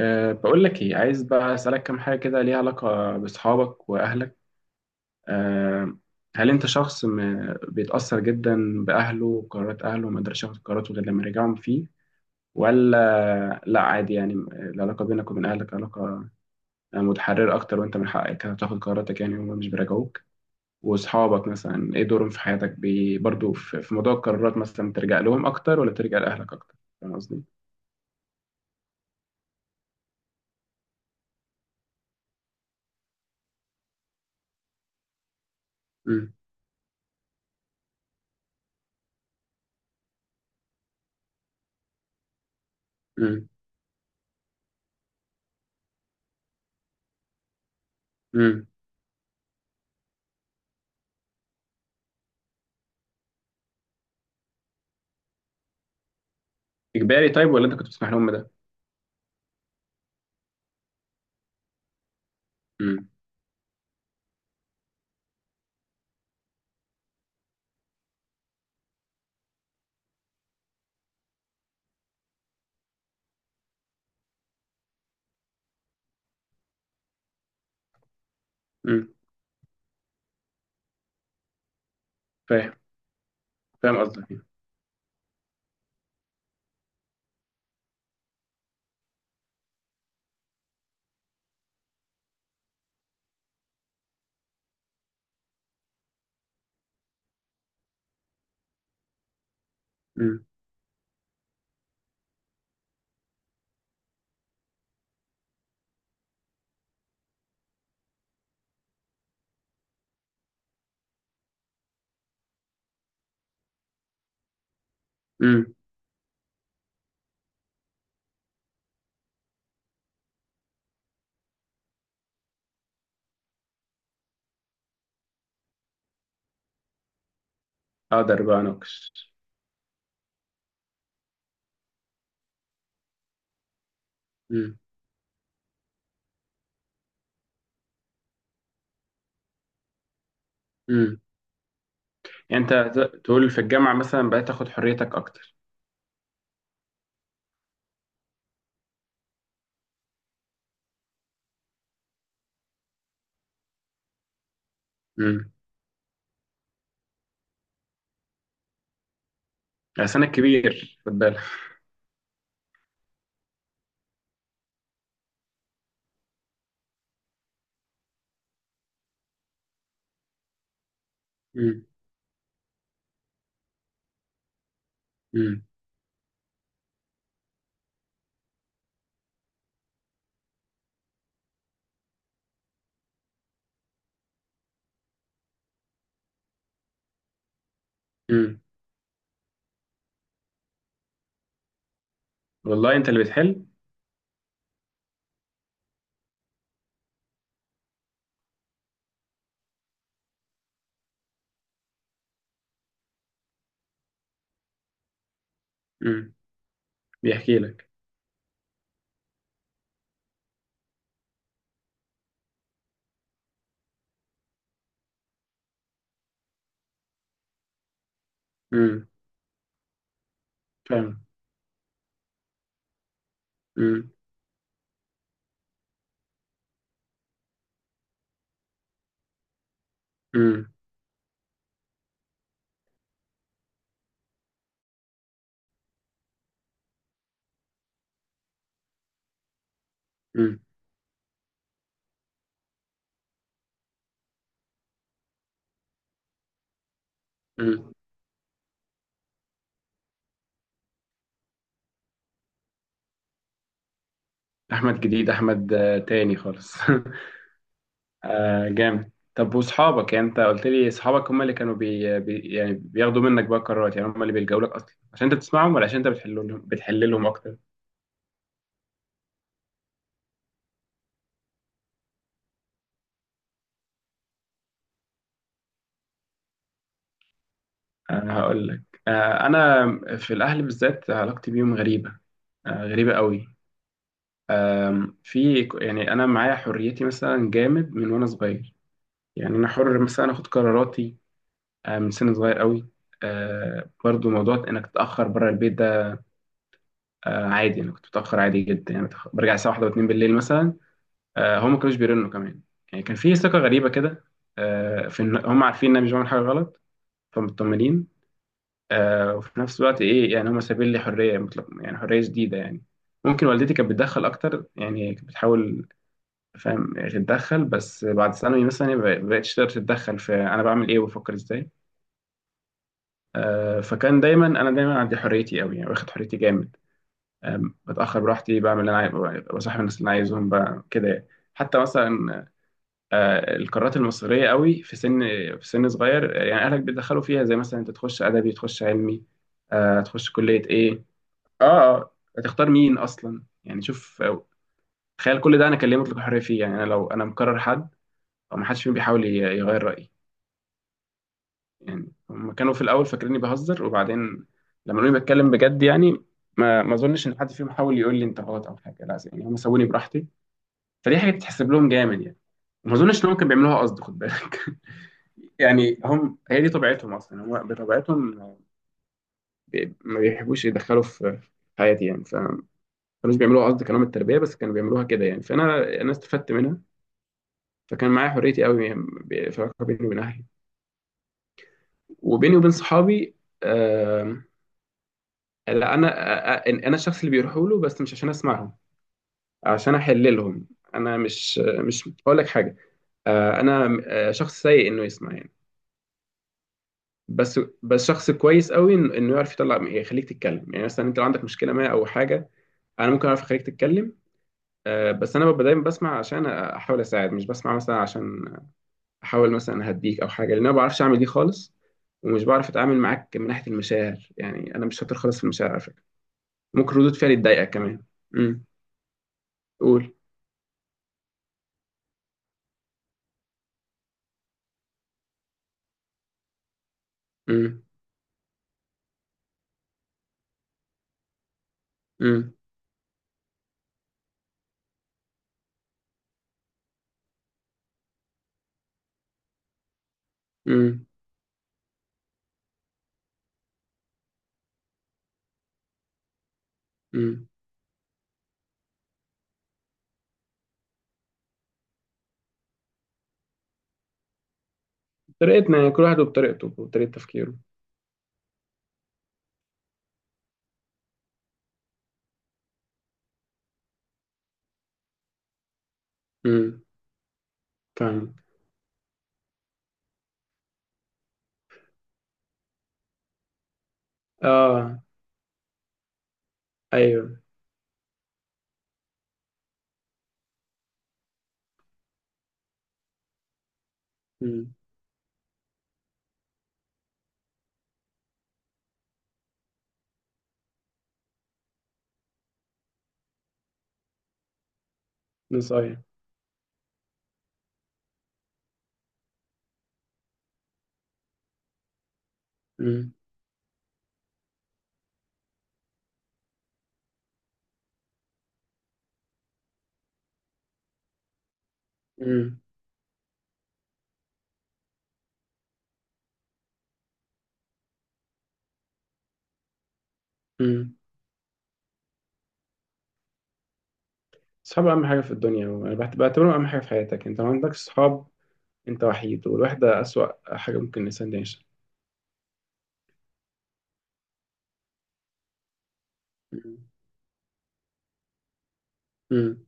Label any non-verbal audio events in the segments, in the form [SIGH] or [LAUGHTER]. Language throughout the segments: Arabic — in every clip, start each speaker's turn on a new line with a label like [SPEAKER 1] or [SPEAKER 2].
[SPEAKER 1] أه، بقول لك ايه عايز بقى اسالك كام حاجه كده، ليها علاقه باصحابك واهلك. أه. هل انت شخص بيتاثر جدا باهله وقرارات اهله وما يقدرش ياخد قراراته غير لما يرجعهم فيه؟ ولا لا، عادي يعني، العلاقه بينك وبين اهلك علاقه متحرره اكتر وانت من حقك تاخد قراراتك يعني، وهم مش بيراجعوك؟ واصحابك مثلا ايه دورهم في حياتك؟ برضو في موضوع القرارات، مثلا ترجع لهم اكتر ولا ترجع لاهلك اكتر؟ فاهم قصدي؟ امم. امم. امم. اجباري طيب ولا انت كنت بتسمح لهم ده؟ امم. فاهم. فاهم قصدك. امم. امم. اقدر بقى اناقش. امم. امم. يعني انت تقول في الجامعه مثلا بقيت تاخد حريتك اكتر؟ امم. عشان انا كبير خد بالك. امم. امم. امم. والله انت اللي بتحل. امم. بيحكي لك. امم. فاهم. امم. امم. امم. امم. احمد جديد، احمد تاني خالص. [LAUGHS] آه، جامد. طب واصحابك، يعني انت قلت لي اصحابك هم اللي كانوا يعني بياخدوا منك بقى قرارات، يعني هم اللي بيلجأوا لك اصلا عشان انت بتسمعهم، ولا عشان انت بتحل لهم اكتر؟ آه، هقول لك. آه، انا في الاهل بالذات علاقتي بيهم غريبة. آه، غريبة قوي. آه، في يعني انا معايا حريتي مثلا جامد من وانا صغير. يعني انا حر مثلا اخد قراراتي. آه، من سن صغير قوي. آه، برضو موضوع انك تتأخر بره البيت ده. آه، عادي انا كنت بتأخر عادي جدا، يعني برجع الساعة 1 و2 بالليل مثلا. آه، هم ما كانوش بيرنوا كمان. يعني كان في ثقة غريبة كده، آه، في إن هم عارفين إن أنا مش بعمل حاجة غلط، فمطمنين. آه، وفي نفس الوقت إيه، يعني هم سايبين لي حرية مطلقة، يعني حرية شديدة يعني. ممكن والدتي كانت بتدخل أكتر، يعني كانت بتحاول، فاهم، تتدخل، بس بعد ثانوي مثلا ما بقتش تقدر تتدخل في أنا بعمل إيه وبفكر إزاي. آه، فكان دايما أنا دايما عندي حريتي أوي، يعني واخد حريتي جامد. آه. بتأخر براحتي، بعمل اللي أنا عايز، بصاحب الناس اللي أنا عايزهم كده يعني. حتى مثلا آه، القارات المصرية قوي في سن صغير، آه، يعني أهلك بيدخلوا فيها، زي مثلا أنت تخش أدبي تخش علمي، آه، تخش كلية إيه، آه، آه، هتختار مين أصلا، يعني شوف آه، تخيل كل ده أنا كان ليا مطلق الحرية فيه. يعني أنا لو أنا مكرر حد أو ما حدش فيهم بيحاول يغير رأيي. يعني هم كانوا في الأول فاكريني بهزر، وبعدين لما لقوني بتكلم بجد، يعني ما أظنش إن حد فيهم حاول يقول لي أنت غلط أو حاجة، لا، يعني هم سووني براحتي. فدي حاجة تتحسب لهم جامد يعني. وما أظنش إن هم كانوا بيعملوها قصد، خد بالك، يعني هم هي دي طبيعتهم اصلا، هم بطبيعتهم ما بيحبوش يدخلوا في حياتي، يعني فما كانوش بيعملوها قصد كلام التربيه، بس كانوا بيعملوها كده يعني، فانا استفدت منها. فكان معايا حريتي قوي يعني، في العلاقه بيني وبين اهلي، وبيني وبين صحابي. آم، لا، انا الشخص اللي بيروحوا له، بس مش عشان اسمعهم، عشان احل لهم. انا مش هقول لك حاجه. آه، انا شخص سيء انه يسمع يعني، بس شخص كويس قوي انه يعرف يطلع، يعني يخليك تتكلم. يعني مثلا انت لو عندك مشكله ما او حاجه، انا ممكن اعرف اخليك تتكلم. آه، بس انا ببقى دايما بسمع عشان احاول اساعد، مش بسمع مثلا عشان احاول مثلا اهديك او حاجه، لان انا ما بعرفش اعمل دي خالص. ومش بعرف اتعامل معاك من ناحيه المشاعر، يعني انا مش شاطر خالص في المشاعر على فكره. ممكن ردود فعلي تضايقك كمان. امم. قول. امم. امم. امم. امم. طريقتنا، يعني كل واحد وبطريقته وبطريقه تفكيره. امم. فاهمك. اه. ايوه. امم. نصايح. امم. امم. امم. الصحاب اهم حاجه في الدنيا، وانا بعتبرهم اهم حاجه في حياتك. انت ما عندكش صحاب، انت وحيد، والوحدة أسوأ حاجة ممكن الإنسان يعيشها. مم. مم.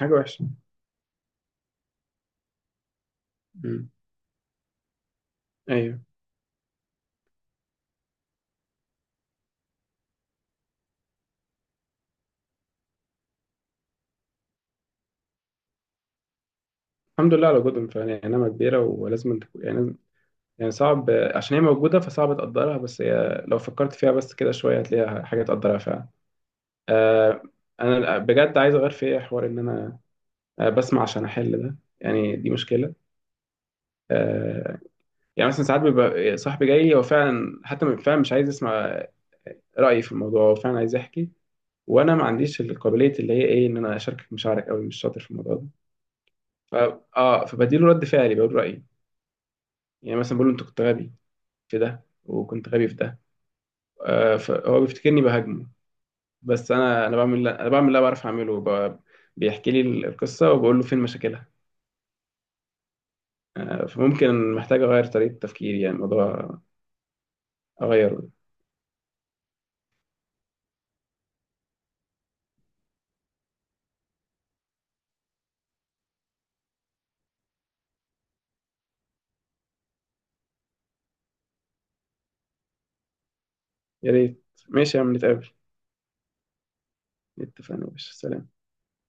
[SPEAKER 1] حاجة وحشة. مم. أيوه. الحمد لله على وجودهم فعلا، يعني نعمة كبيرة، ولازم انت يعني، يعني صعب، عشان هي موجودة فصعب تقدرها، بس هي لو فكرت فيها بس كده شوية هتلاقيها حاجة تقدرها فعلا. آه. أنا بجد عايز أغير في إيه حوار إن أنا آه، بسمع عشان أحل ده. يعني دي مشكلة. آه. يعني مثلا ساعات بيبقى صاحبي جاي، هو فعلا، حتى فعلا مش عايز يسمع رأيي في الموضوع، هو فعلا عايز يحكي، وانا ما عنديش القابليه اللي هي ايه، ان انا اشاركك مشاعرك، قوي مش شاطر في الموضوع ده. ف اه، فبديله رد فعلي بقول رايي، يعني مثلا بقول له انت كنت غبي في ده وكنت غبي في ده. آه، فهو بيفتكرني بهاجمه، بس انا بعمل اللي أنا بعرف اعمله بيحكي لي القصه وبقول له فين مشاكلها. آه، فممكن محتاج اغير طريقه تفكيري، يعني الموضوع اغيره. يا ريت، ماشي يا عم، نتقابل. اتفقنا يا باشا، سلام.